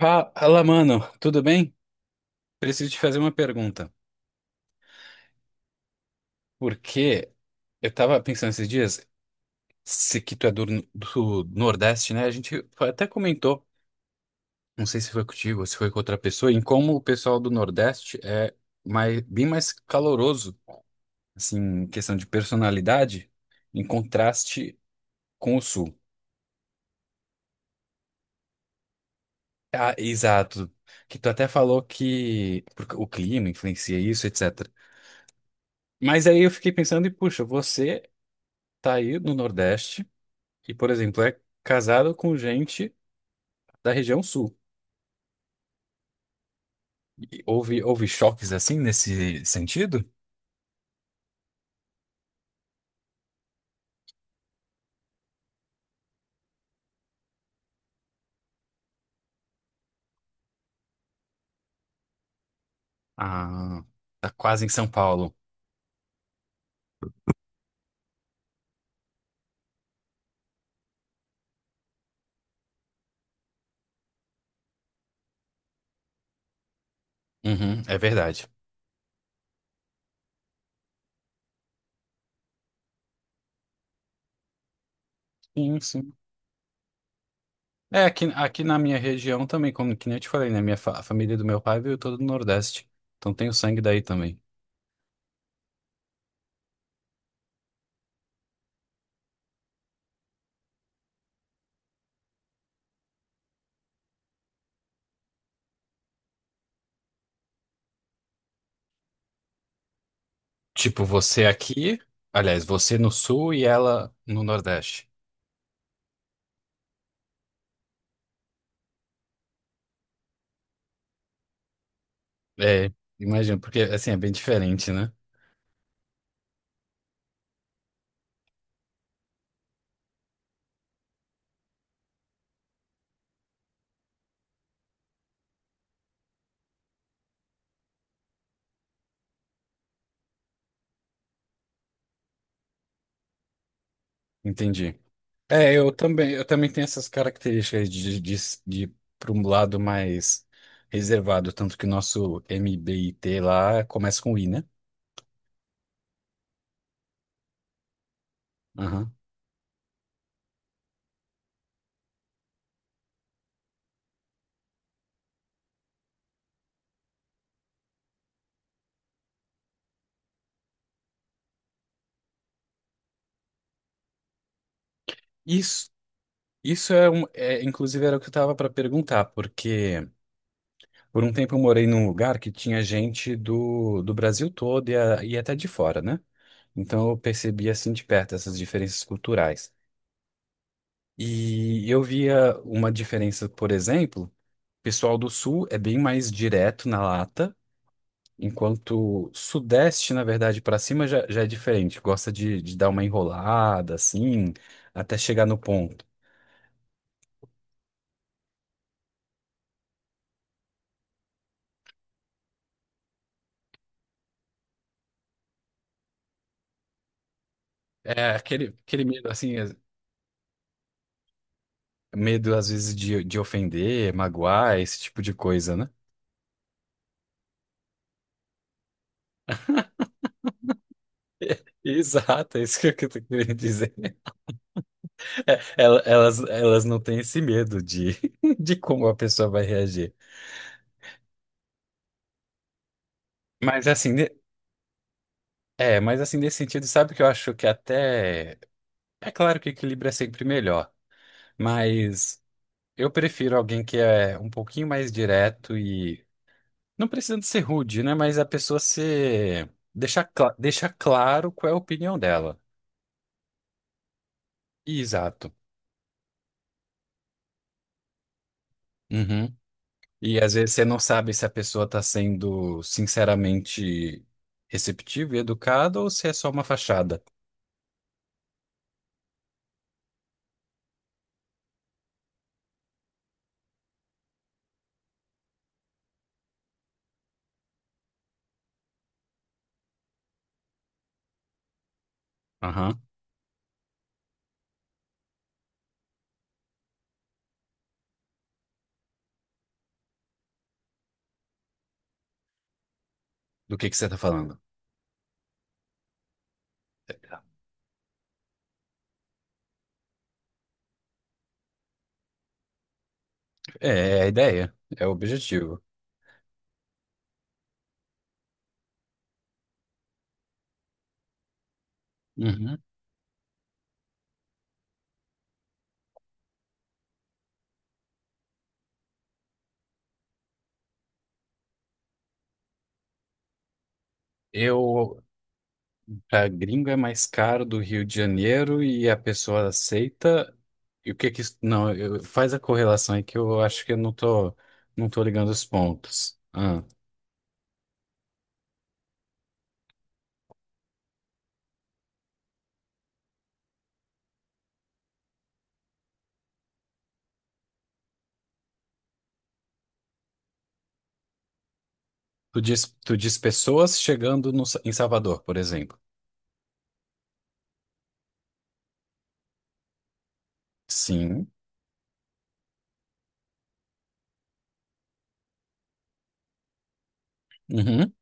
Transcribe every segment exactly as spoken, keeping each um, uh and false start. Fala, mano, tudo bem? Preciso te fazer uma pergunta. Porque eu tava pensando esses dias, se que tu é do, do Nordeste, né? A gente foi- até comentou, não sei se foi contigo ou se foi com outra pessoa, em como o pessoal do Nordeste é mais, bem mais caloroso, assim, em questão de personalidade, em contraste com o Sul. Ah, exato. Que tu até falou que porque o clima influencia isso, etcétera. Mas aí eu fiquei pensando, e puxa, você tá aí no Nordeste. E, por exemplo, é casado com gente da região sul. E houve, houve choques assim nesse sentido? Ah, tá quase em São Paulo. Uhum, é verdade. Sim, sim. É, aqui, aqui na minha região também, como que nem eu te falei, né? Minha fa- a família do meu pai veio toda do Nordeste. Então tem o sangue daí também. Tipo, você aqui, aliás, você no sul e ela no Nordeste. É, imagino, porque assim é bem diferente, né? Entendi. É, eu também, eu também tenho essas características de, de, de, para um lado mais reservado, tanto que o nosso M B I T lá começa com I, né? Aham. Isso, isso é um, é, inclusive era o que eu tava para perguntar, porque por um tempo eu morei num lugar que tinha gente do, do Brasil todo e, a- e até de fora, né? Então eu percebi assim de perto essas diferenças culturais. E eu via uma diferença, por exemplo. Pessoal do Sul é bem mais direto na lata, enquanto Sudeste, na verdade, para cima já, já é diferente. Gosta de, de dar uma enrolada, assim, até chegar no ponto. É aquele, aquele medo, assim, é- medo às vezes de, de ofender, magoar, esse tipo de coisa, né? Exato, é isso que eu tô querendo dizer. É, el- elas, elas não têm esse medo de, de como a pessoa vai reagir. Mas assim, ne- é, mas assim, nesse sentido, sabe o que eu acho que até. É claro que equilíbrio é sempre melhor, mas eu prefiro alguém que é um pouquinho mais direto e não precisando ser rude, né? Mas a pessoa ser deixar cla- deixar claro qual é a opinião dela. Exato. Uhum. E às vezes você não sabe se a pessoa está sendo sinceramente receptiva e educada ou se é só uma fachada. Aham. Do que que você está falando? É, é a ideia, é o objetivo. Uhum. Eu pra gringo é mais caro do Rio de Janeiro e a pessoa aceita. E o que que isso. Não, eu- faz a correlação aí que eu acho que eu não tô, não tô ligando os pontos. Ah, tu diz, tu diz pessoas chegando no Sa- em Salvador, por exemplo. Sim. Uhum.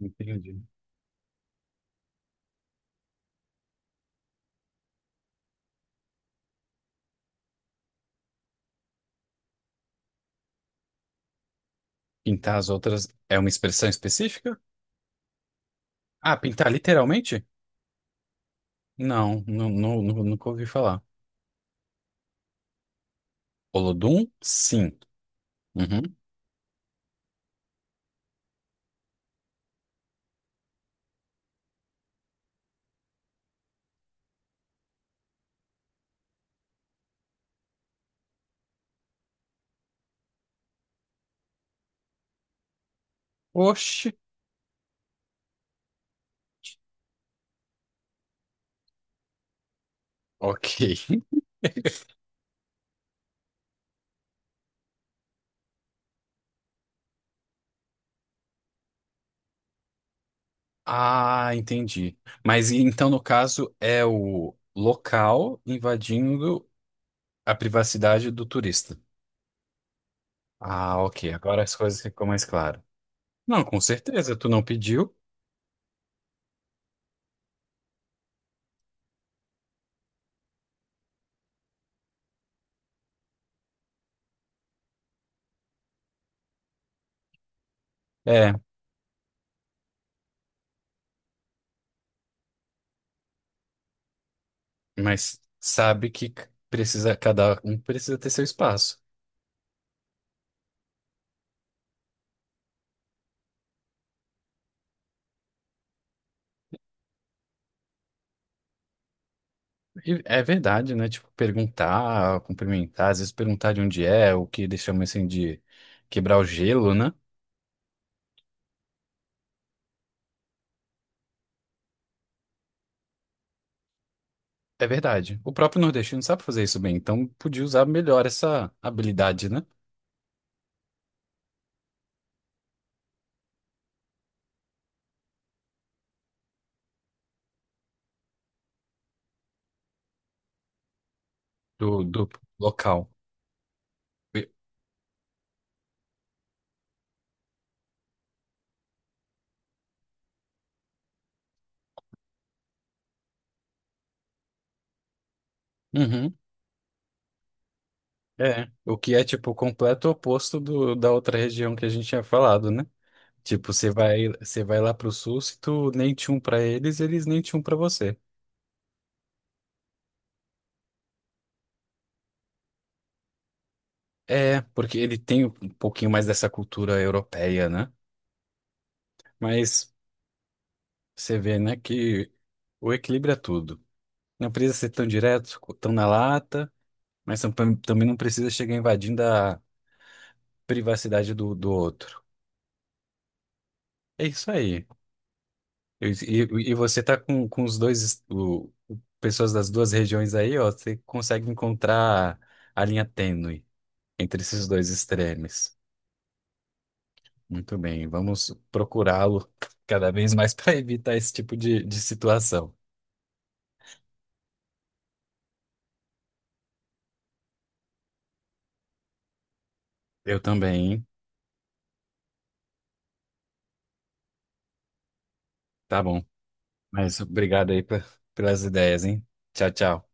Entendi. Pintar as outras é uma expressão específica? Ah, pintar literalmente? Não, não, não, nu- nunca ouvi falar. Olodum? Sim. Uhum. Oxe, ok. Ah, entendi. Mas e- então, no caso, é o local invadindo a privacidade do turista. Ah, ok. Agora as coisas ficam mais claras. Não, com certeza, tu não pediu. É, mas sabe que c- precisa, cada um precisa ter seu espaço. E é verdade, né? Tipo, perguntar, cumprimentar, às vezes perguntar de onde é, o que eles chamam assim de quebrar o gelo, né? É verdade. O próprio nordestino sabe fazer isso bem, então podia usar melhor essa habilidade, né? do, do local. Uhum, é. O que é, tipo, o completo oposto do, da outra região que a gente tinha falado, né? Tipo, você vai, você vai lá pro sul, se tu nem tinha um pra eles, eles nem tinham um pra você. É, porque ele tem um pouquinho mais dessa cultura europeia, né? Mas você vê, né, que o equilíbrio é tudo. Não precisa ser tão direto, tão na lata, mas tam- também não precisa chegar invadindo a privacidade do, do outro. É isso aí. E, e- e você tá com, com os dois, es- o- o- pessoas das duas regiões aí, ó, você consegue encontrar a linha tênue entre esses dois extremos. Muito bem, vamos procurá-lo cada vez mais para evitar esse tipo de, de situação. Eu também, hein? Tá bom. Mas obrigado aí pe- pelas ideias, hein? Tchau, tchau.